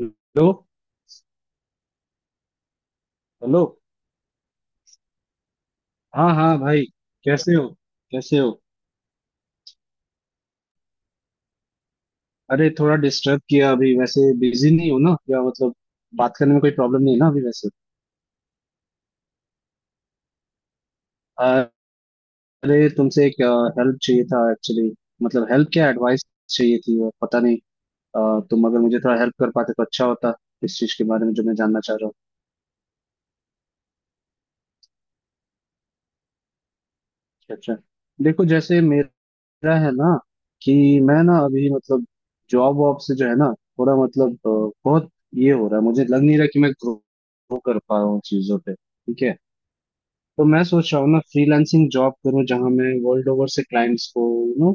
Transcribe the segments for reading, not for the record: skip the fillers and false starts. Hello. Hello. हाँ हाँ भाई, कैसे हो? कैसे हो? अरे, थोड़ा डिस्टर्ब किया। अभी वैसे बिजी नहीं हो ना, या मतलब बात करने में कोई प्रॉब्लम नहीं है ना अभी वैसे? अरे तुमसे एक हेल्प चाहिए था एक्चुअली। मतलब हेल्प क्या, एडवाइस चाहिए थी, और पता नहीं। तुम अगर मुझे थोड़ा हेल्प कर पाते तो अच्छा होता, इस चीज के बारे में जो मैं जानना चाह रहा हूँ। अच्छा अच्छा। देखो, जैसे मेरा मेरा है ना कि मैं ना अभी मतलब जॉब वॉब से जो है ना, थोड़ा मतलब बहुत ये हो रहा है, मुझे लग नहीं रहा कि मैं ग्रो कर पा रहा हूँ चीजों पे, ठीक है। तो मैं सोच रहा हूँ ना फ्रीलांसिंग जॉब करूँ, जहाँ मैं वर्ल्ड ओवर से क्लाइंट्स को, यू नो,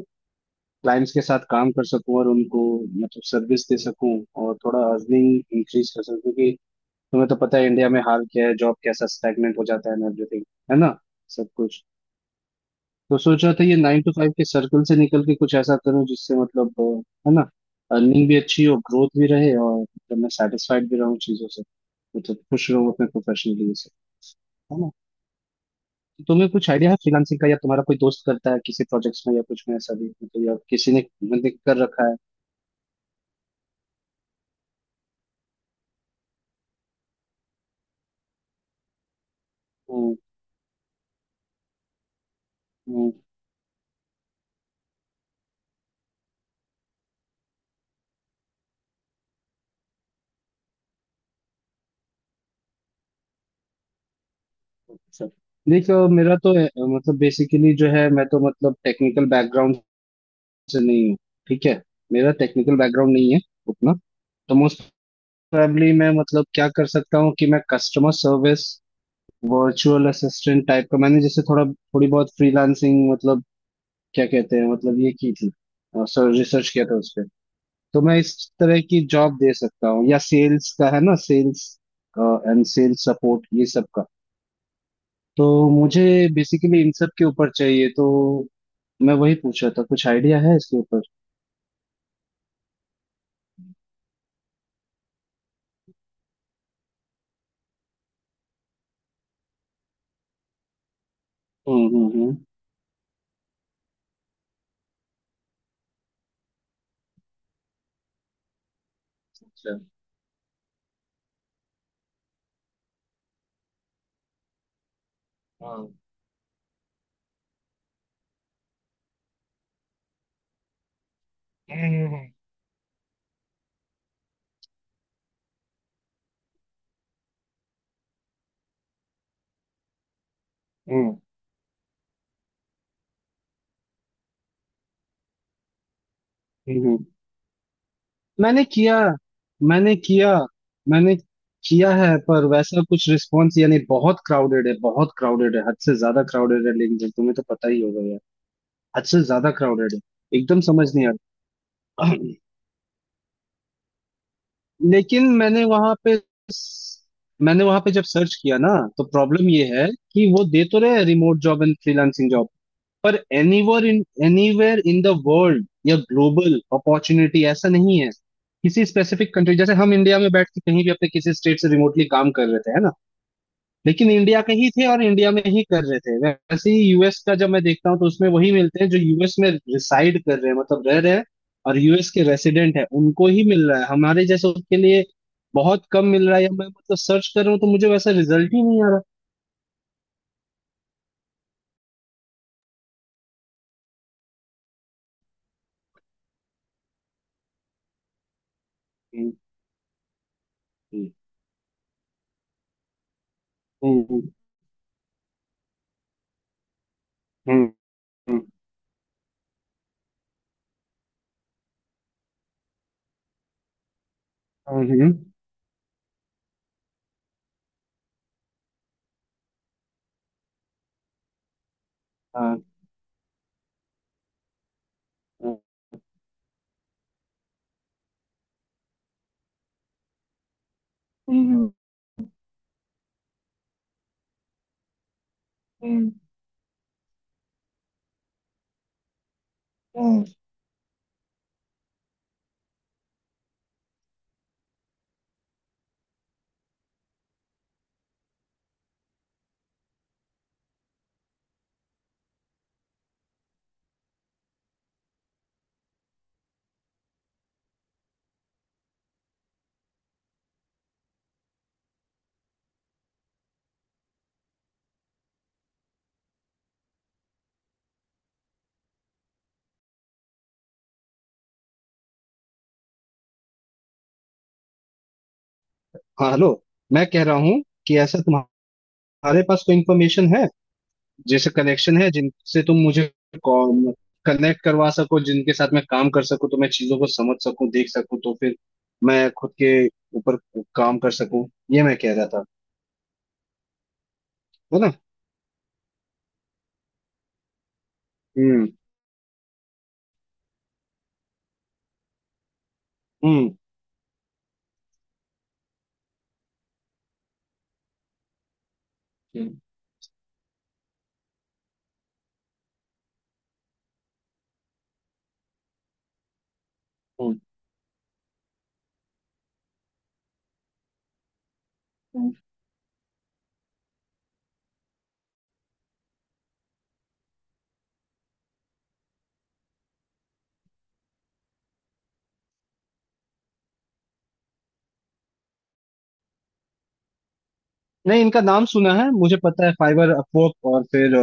क्लाइंट्स के साथ काम कर सकूँ और उनको मतलब सर्विस दे सकूँ और थोड़ा अर्निंग इंक्रीज कर सकूँ, क्योंकि तुम्हें तो पता है इंडिया में हाल क्या है, जॉब कैसा स्टैग्नेंट हो जाता है एवरीथिंग, है ना, सब कुछ। तो सोच रहा था ये नाइन टू फाइव के सर्कल से निकल के कुछ ऐसा करूं जिससे मतलब है ना, अर्निंग भी अच्छी हो, ग्रोथ भी रहे, और मतलब मैं सेटिस्फाइड भी रहूं चीजों से, मतलब खुश रहूं अपने प्रोफेशनली से, है ना। तो तुम्हें कुछ आइडिया है फ्रीलांसिंग का, या तुम्हारा कोई दोस्त करता है किसी प्रोजेक्ट्स में या कुछ में, ऐसा भी मतलब, या किसी ने मैंने कर रखा है। हम्म, हम्म, अच्छा। देखो मेरा तो मतलब बेसिकली जो है, मैं तो मतलब टेक्निकल बैकग्राउंड से नहीं हूँ, ठीक है। मेरा टेक्निकल बैकग्राउंड नहीं है उतना। तो मोस्ट फैमिली में मतलब क्या कर सकता हूँ कि मैं customer service, virtual assistant type का, मैंने जैसे थोड़ा थोड़ी बहुत फ्रीलांसिंग मतलब क्या कहते हैं मतलब ये की थी, सर रिसर्च किया था उस पे। तो मैं इस तरह की जॉब दे सकता हूँ, या सेल्स का, है ना, सेल्स एंड सेल्स सपोर्ट, ये सब का। तो मुझे बेसिकली इन सब के ऊपर चाहिए, तो मैं वही पूछ रहा था कुछ आइडिया है इसके ऊपर। हम्म। अच्छा। हाँ। हम्म हम्म हम्म, हम्म। मैंने किया मैंने किया। मैंने किया है, पर वैसा कुछ रिस्पॉन्स, यानी बहुत क्राउडेड है, बहुत क्राउडेड है, हद से ज्यादा क्राउडेड है लिंक्डइन, तुम्हें तो पता ही होगा यार। हद से ज्यादा क्राउडेड है। एकदम समझ नहीं आ रहा। लेकिन मैंने वहां पे जब सर्च किया ना, तो प्रॉब्लम ये है कि वो दे तो रहे रिमोट जॉब एंड फ्रीलांसिंग, पर anywhere in anywhere in the world या ग्लोबल अपॉर्चुनिटी, ऐसा नहीं है। किसी स्पेसिफिक कंट्री, जैसे हम इंडिया में बैठ के कहीं भी अपने किसी स्टेट से रिमोटली काम कर रहे थे, है ना, लेकिन इंडिया के ही थे और इंडिया में ही कर रहे थे। वैसे ही यूएस का जब मैं देखता हूँ, तो उसमें वही मिलते हैं जो यूएस में रिसाइड कर रहे हैं, मतलब रह रहे हैं, और यूएस के रेसिडेंट है उनको ही मिल रहा है। हमारे जैसे उसके लिए बहुत कम मिल रहा है, या मैं मतलब सर्च कर रहा हूँ तो मुझे वैसा रिजल्ट ही नहीं आ रहा। हम्म, हम्म, हम्म हम्म हम्म हम्म। हाँ। हम्म, हम्म, हम्म। हम्म। हाँ हेलो। मैं कह रहा हूँ कि ऐसा तुम्हारे पास कोई इंफॉर्मेशन है, जैसे कनेक्शन है, जिनसे तुम मुझे कनेक्ट करवा सको, जिनके साथ मैं काम कर सकूं, तो मैं चीजों को समझ सकूं, देख सकूं, तो फिर मैं खुद के ऊपर काम कर सकूं। ये मैं कह रहा था, है ना। हम्म हम्म हम्म। हम्म। नहीं इनका नाम सुना है, मुझे पता है फाइबर, अपवर्क, और फिर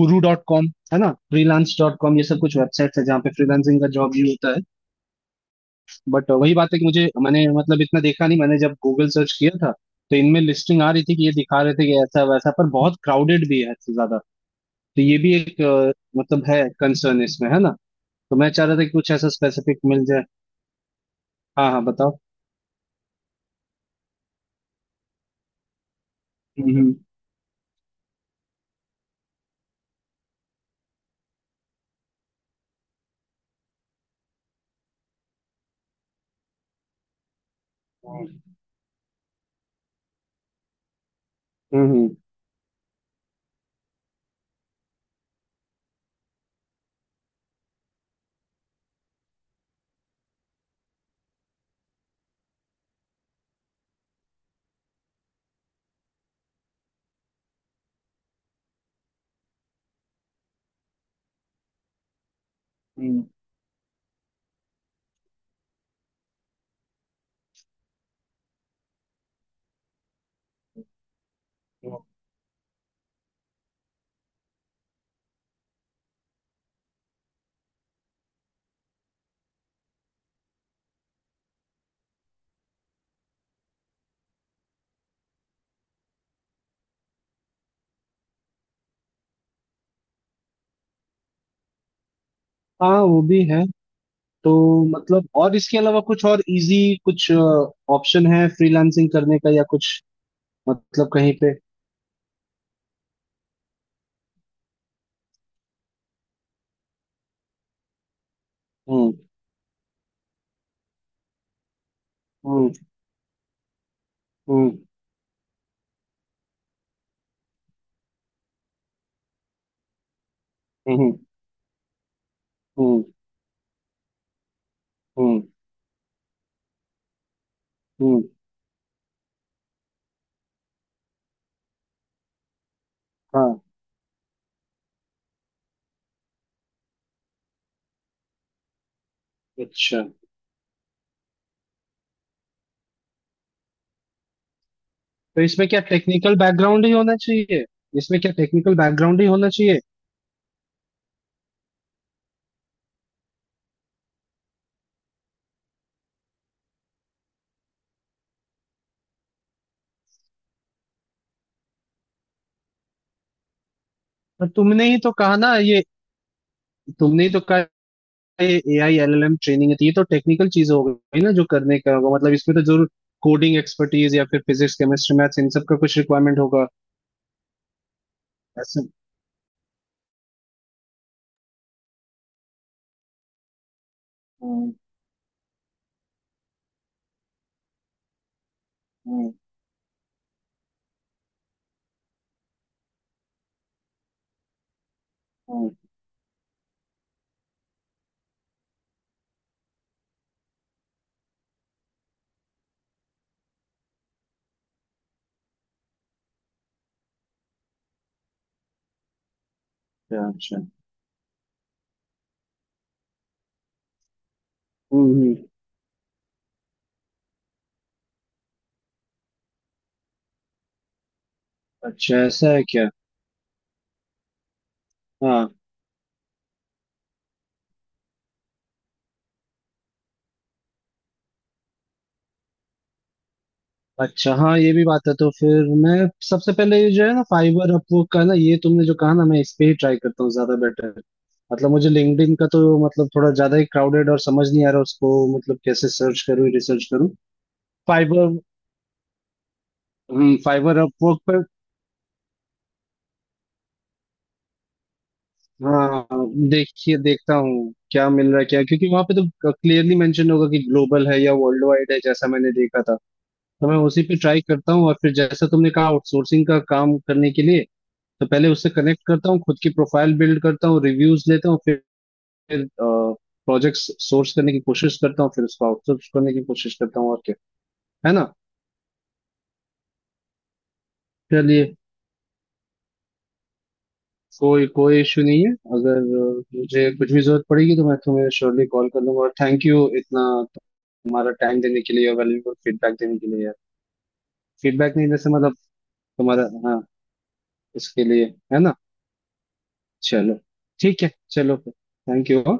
गुरु डॉट कॉम, है ना, फ्रीलांस डॉट कॉम, ये सब कुछ वेबसाइट्स है जहाँ पे फ्रीलांसिंग का जॉब भी होता है। बट वही बात है कि मुझे, मैंने मतलब इतना देखा नहीं, मैंने जब गूगल सर्च किया था तो इनमें लिस्टिंग आ रही थी कि ये दिखा रहे थे कि ऐसा वैसा, पर बहुत क्राउडेड भी है हद से ज्यादा। तो ये भी एक मतलब है कंसर्न इसमें, है ना। तो मैं चाह रहा था कि कुछ ऐसा स्पेसिफिक मिल जाए। हाँ हाँ बताओ। हम्म हम्म हम्म हम्म। हम्म, हाँ वो भी है। तो मतलब और इसके अलावा कुछ और इजी, कुछ ऑप्शन है फ्रीलांसिंग करने का, या कुछ मतलब कहीं पे? हम्म हम्म हम्म हम्म हम्म हम्म हम्म, हाँ अच्छा। तो इसमें क्या टेक्निकल बैकग्राउंड ही होना चाहिए? इसमें क्या टेक्निकल बैकग्राउंड ही होना चाहिए? पर तुमने ही तो कहा ना ये, तुमने ही तो कहा ये एआई एलएलएम ट्रेनिंग है, तो ये तो टेक्निकल चीज हो गई ना, जो करने का होगा मतलब इसमें तो जरूर कोडिंग एक्सपर्टीज या फिर फिजिक्स केमिस्ट्री मैथ्स, इन सब का कुछ रिक्वायरमेंट होगा। ऐसा? हम्म, हम्म, हम्म, अच्छा अच्छा। हम्म हम्म, अच्छा ऐसा है क्या? हाँ। अच्छा हाँ ये भी बात है। तो फिर मैं सबसे पहले ये जो है ना फाइवर अपवर्क का ना, ये तुमने जो कहा ना, मैं इस पे ही ट्राई करता हूँ, ज्यादा बेटर। मतलब मुझे लिंक्डइन का तो मतलब थोड़ा ज्यादा ही क्राउडेड और समझ नहीं आ रहा उसको, मतलब कैसे सर्च करूँ, रिसर्च करूँ। फाइबर, फाइबर अपवर्क पर, हाँ देखिए देखता हूँ क्या मिल रहा है क्या, क्योंकि वहां पे तो क्लियरली मेंशन होगा कि ग्लोबल है या वर्ल्ड वाइड है, जैसा मैंने देखा था। तो मैं उसी पे ट्राई करता हूँ। और फिर जैसा तुमने कहा आउटसोर्सिंग का काम करने के लिए, तो पहले उससे कनेक्ट करता हूँ, खुद की प्रोफाइल बिल्ड करता हूँ, रिव्यूज लेता हूँ, फिर प्रोजेक्ट्स सोर्स करने की कोशिश करता हूँ, फिर उसको आउटसोर्स करने की कोशिश करता हूँ, और क्या, है ना। चलिए, कोई कोई इश्यू नहीं है। अगर मुझे कुछ भी जरूरत पड़ेगी तो मैं तुम्हें श्योरली कॉल कर लूंगा। और थैंक यू इतना तुम्हारा टाइम देने के लिए और वैल्यूबल फीडबैक देने के लिए यार। फीडबैक नहीं जैसे, मतलब तुम्हारा, हाँ, इसके लिए, है ना। चलो, ठीक है, चलो फिर। Thank you.